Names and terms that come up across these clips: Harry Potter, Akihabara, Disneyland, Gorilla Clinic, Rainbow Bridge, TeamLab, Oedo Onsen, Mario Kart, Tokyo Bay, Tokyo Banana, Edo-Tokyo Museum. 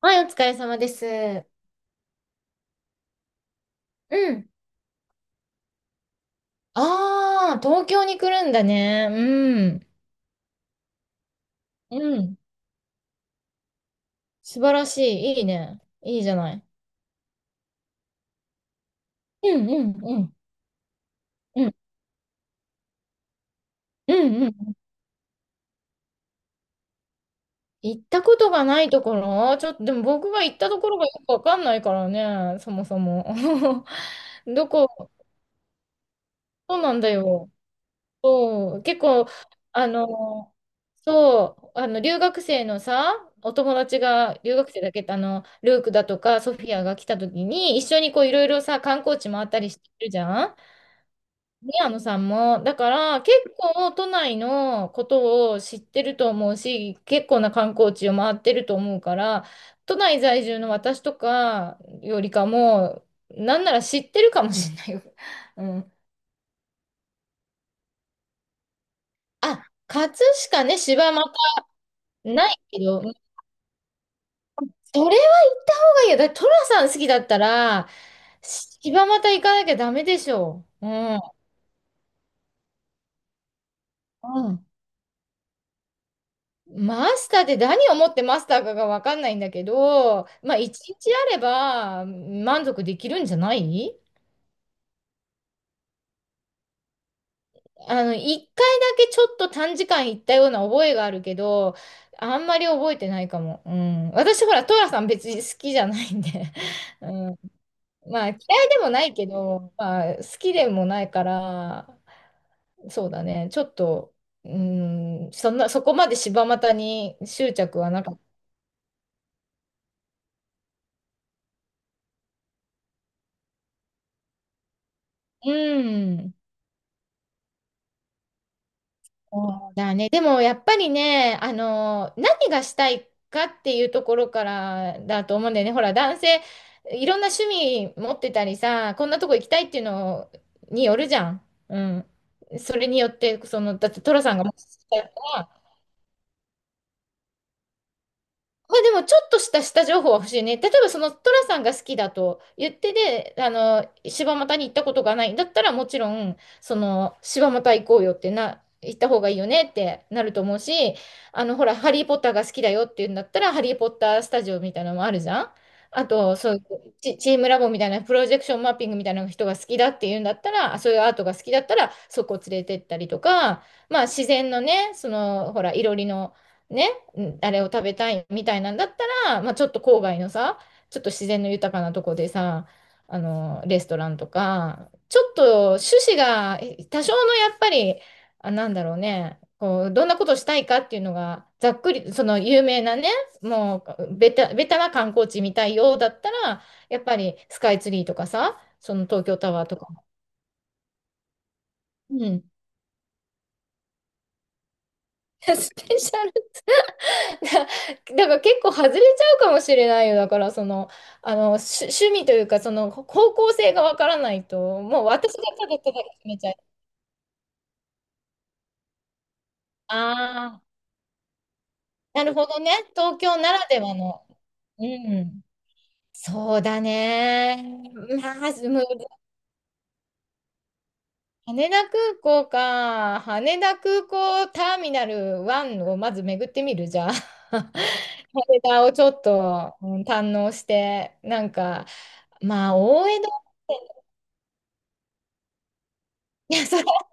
はい、お疲れ様です。うん。ああ、東京に来るんだね。うん。うん。素晴らしい。いいね。いいじゃない。うんうんうん。うん。うんうん。行ったことがないところ、ちょっと、でも僕が行ったところがよくわかんないからね、そもそも。どこ、そうなんだよ。そう、結構、あの、そう、あの、留学生のさ、お友達が、留学生だけ、あの、ルークだとか、ソフィアが来た時に、一緒にこう、いろいろさ、観光地回ったりしてるじゃん、宮野さんも。だから、結構、都内のことを知ってると思うし、結構な観光地を回ってると思うから、都内在住の私とかよりかも、なんなら知ってるかもしれないよ。うん。あ、葛飾ね、柴又。ないけど、それはいや、だトラさん好きだったら、柴又行かなきゃダメでしょう。うん。うん。マスターって何をもってマスターかがわかんないんだけど、まあ一日あれば満足できるんじゃない？あの、一回だけちょっと短時間行ったような覚えがあるけど、あんまり覚えてないかも。うん。私ほら、トラさん別に好きじゃないんで。うん。まあ嫌いでもないけど、まあ好きでもないから、そうだね。ちょっと、うーん、そんな、そこまで柴又に執着はなかった。うん。そうだね。でもやっぱりね、あの、何がしたいかっていうところからだと思うんだよね。ほら、男性、いろんな趣味持ってたりさ、こんなとこ行きたいっていうのによるじゃん。うん。それによって、その、だってトラさんがもし好きだったら、まあ、でもちょっとした下情報は欲しいね。例えばそのトラさんが好きだと言ってで、あの、柴又に行ったことがないんだったらもちろん、その、柴又行こうよってな、行った方がいいよねってなると思うし、あの、ほら、ハリー・ポッターが好きだよって言うんだったら、ハリー・ポッタースタジオみたいなのもあるじゃん。あと、そういうチームラボみたいな、プロジェクションマッピングみたいな人が好きだって言うんだったら、あそういうアートが好きだったら、そこ連れてったりとか、まあ自然のね、その、ほら、いろりの、ねんあれを食べたいみたいなんだったら、まあ、ちょっと郊外のさ、ちょっと自然の豊かなとこでさ、あの、レストランとか、ちょっと趣旨がえ多少のやっぱり、あ、なんだろうね、こう、どんなことしたいかっていうのが、ざっくり、その有名なね、もうベタな観光地みたいようだったら、やっぱりスカイツリーとかさ、その東京タワーとか。うん。スペシャル。 だから結構外れちゃうかもしれないよ。だからその、あの、し趣味というか、その方向性がわからないと、もう私がただただ決めちゃう。ああ、なるほどね。東京ならではの。うん。そうだね。まあ、む羽田空港か。羽田空港ターミナル1をまず巡ってみる、じゃあ。羽田をちょっと、うん堪能して、なんか、まあ、大江戸、いや、そま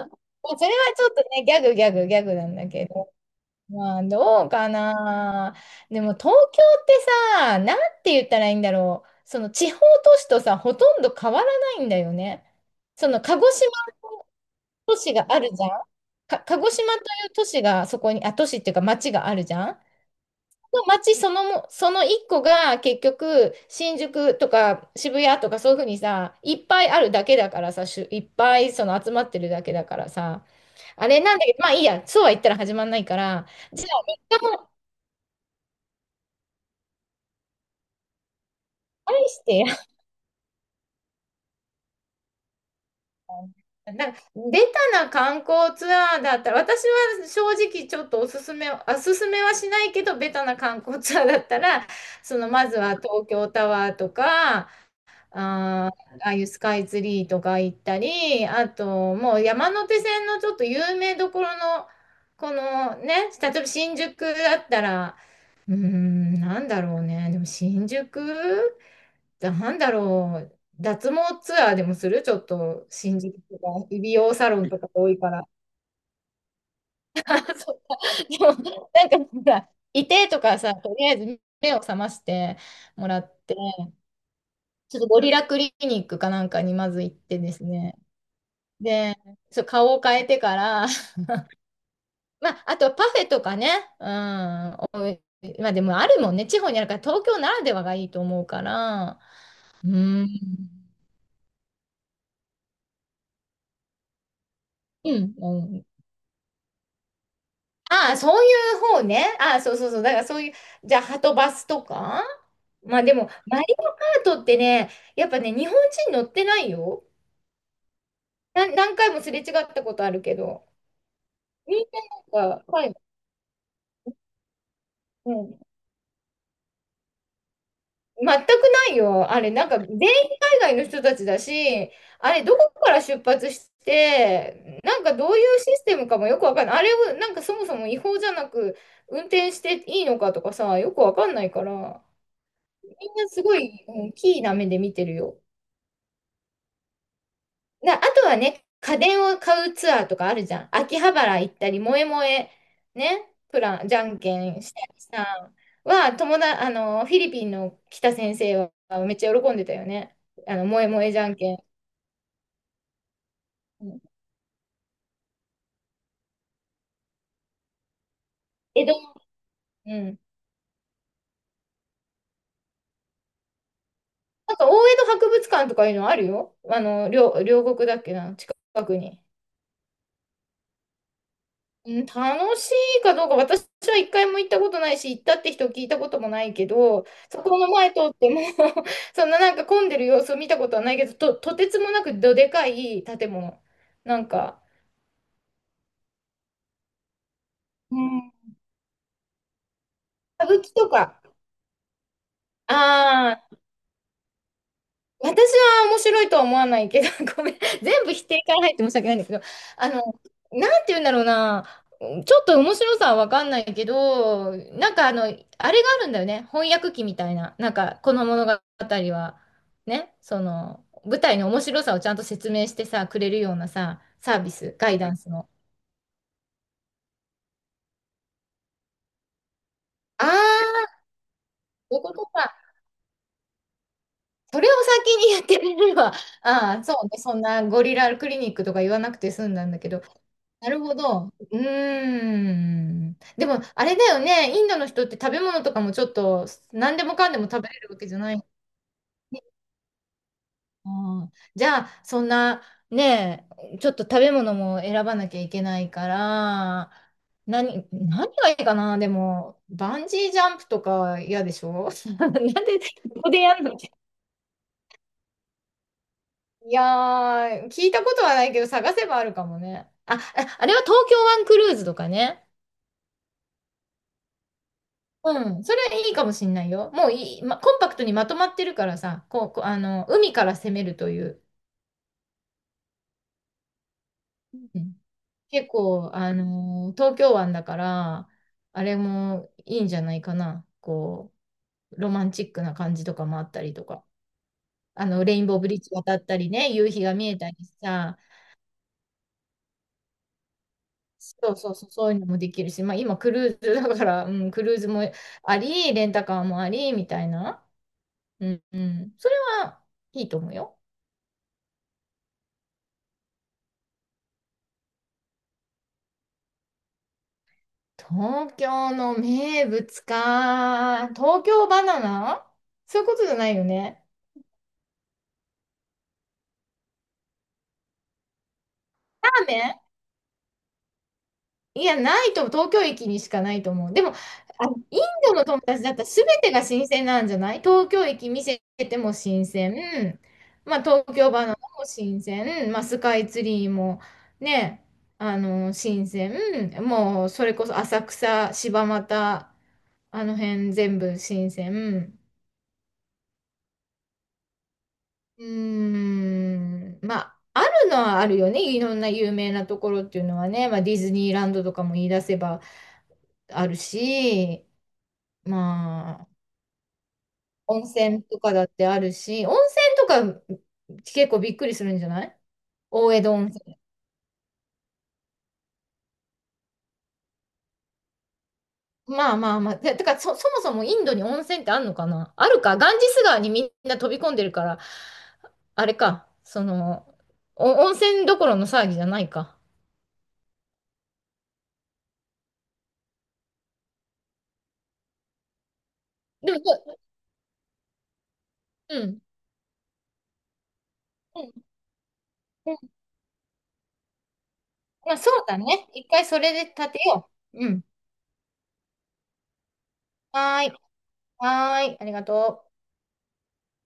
あそれはちょっとね、ギャグなんだけど、まあどうかな。でも東京ってさ、なんて言ったらいいんだろう。その地方都市とさ、ほとんど変わらないんだよね。その鹿児島の都市があるじゃん。か、鹿児島という都市がそこに、あ、都市っていうか町があるじゃん。の街そのも、その一個が結局、新宿とか渋谷とかそういうふうにさ、いっぱいあるだけだからさ、しゅいっぱいその集まってるだけだからさ、あれなんだけど、まあいいや、そうは言ったら始まんないから、じゃあ、みっかも愛してや。なんか、ベな観光ツアーだったら、私は正直ちょっとおすすめ、おすすめはしないけど、ベタな観光ツアーだったら、そのまずは東京タワーとか、あー、ああいうスカイツリーとか行ったり、あともう山手線のちょっと有名どころの、このね、例えば新宿だったら、うーん、なんだろうね、でも新宿なんだろう、脱毛ツアーでもするちょっと新宿とか、美容サロンとか多いから。そうか。でも、なんかほら、いてとかさ、とりあえず目を覚ましてもらって、ちょっとゴリラクリニックかなんかにまず行ってですね、で、そう、顔を変えてから、まあ、あとパフェとかね、うん、おいまあでもあるもんね、地方にあるから、東京ならではがいいと思うから、うん、うん、うん。ああ、そういう方ね。ああ、そうそうそう。だからそういう、じゃあ、はとバスとか、まあでも、マリオカートってね、やっぱね、日本人乗ってないよ。な何回もすれ違ったことあるけど、みんななんか、はい、全くないよ。あれ、なんか全員海外の人たちだし、あれ、どこから出発して、なんかどういうシステムかもよくわかんない。あれを、なんかそもそも違法じゃなく、運転していいのかとかさ、よくわかんないから、みんなすごい、うん、キーな目で見てるよ。な、あとはね、家電を買うツアーとかあるじゃん。秋葉原行ったり、萌え萌え、ね、プラン、じゃんけんしたりさ、は、友だ、あの、フィリピンの北先生はめっちゃ喜んでたよね。あの、萌え萌えじゃんけん。うん江戸、うん。なんか、大江戸博物館とかいうのあるよ。あの、両国だっけな、近くに。うん、楽しいかどうか、私は一回も行ったことないし、行ったって人を聞いたこともないけど、そこの前通っても そんななんか混んでる様子を見たことはないけど、とてつもなくどでかい建物。なんか、うん、歌舞伎とか、ああ、私は面白いとは思わないけど、ごめん。全部否定から入って申し訳ないんだけど、あの、なんて言うんだろうな。ちょっと面白さはわかんないけど、なんかあの、あれがあるんだよね。翻訳機みたいな。なんか、この物語は、ね、その、舞台の面白さをちゃんと説明してさ、くれるようなさ、サービス、ガイダンスの。ああ、そういうことか。それを先にやってくれれば、ああ、そうね、そんなゴリラクリニックとか言わなくて済んだんだけど、なるほど。うーん。でも、あれだよね、インドの人って食べ物とかもちょっと、何でもかんでも食べれるわけじゃない。ああじゃあ、そんな、ねえ、ちょっと食べ物も選ばなきゃいけないから、何がいいかな、でも、バンジージャンプとか嫌でしょ？ なんで、ここでやるの？いやー、聞いたことはないけど、探せばあるかもね。あ、ああれは東京湾クルーズとかね。うん、それいいかもしんないよ。もういい、ま、コンパクトにまとまってるからさ、こう、こうあの、海から攻めるという。うん、結構、あの東京湾だから、あれもいいんじゃないかな。こう、ロマンチックな感じとかもあったりとか。あの、レインボーブリッジ渡ったりね、夕日が見えたりさ、そうそうそう、そういうのもできるし、まあ今クルーズだから、うん、クルーズもあり、レンタカーもあり、みたいな。うん、うん。それはいいと思うよ。東京の名物か。東京バナナ、そういうことじゃないよね。ラーメン、いや、ないと思う、東京駅にしかないと思う。でも、あ、インドの友達だったら全てが新鮮なんじゃない？東京駅見せても新鮮。まあ、東京バナナも新鮮。まあ、スカイツリーもね、あの、新鮮。もう、それこそ浅草、柴又、あの辺全部新鮮。うーん。まあ、あるのはあるよね。いろんな有名なところっていうのはね。まあ、ディズニーランドとかも言い出せばあるし。まあ、温泉とかだってあるし、温泉とか結構びっくりするんじゃない？大江戸温泉。まあ。ててか、そもそもインドに温泉ってあるのかな？あるか。ガンジス川にみんな飛び込んでるから、あれか。その、お温泉どころの騒ぎじゃないか。でも、そううん。うん。うんまあそうだね。一回それで立てよう。うん。はーい。はーい。ありがとう。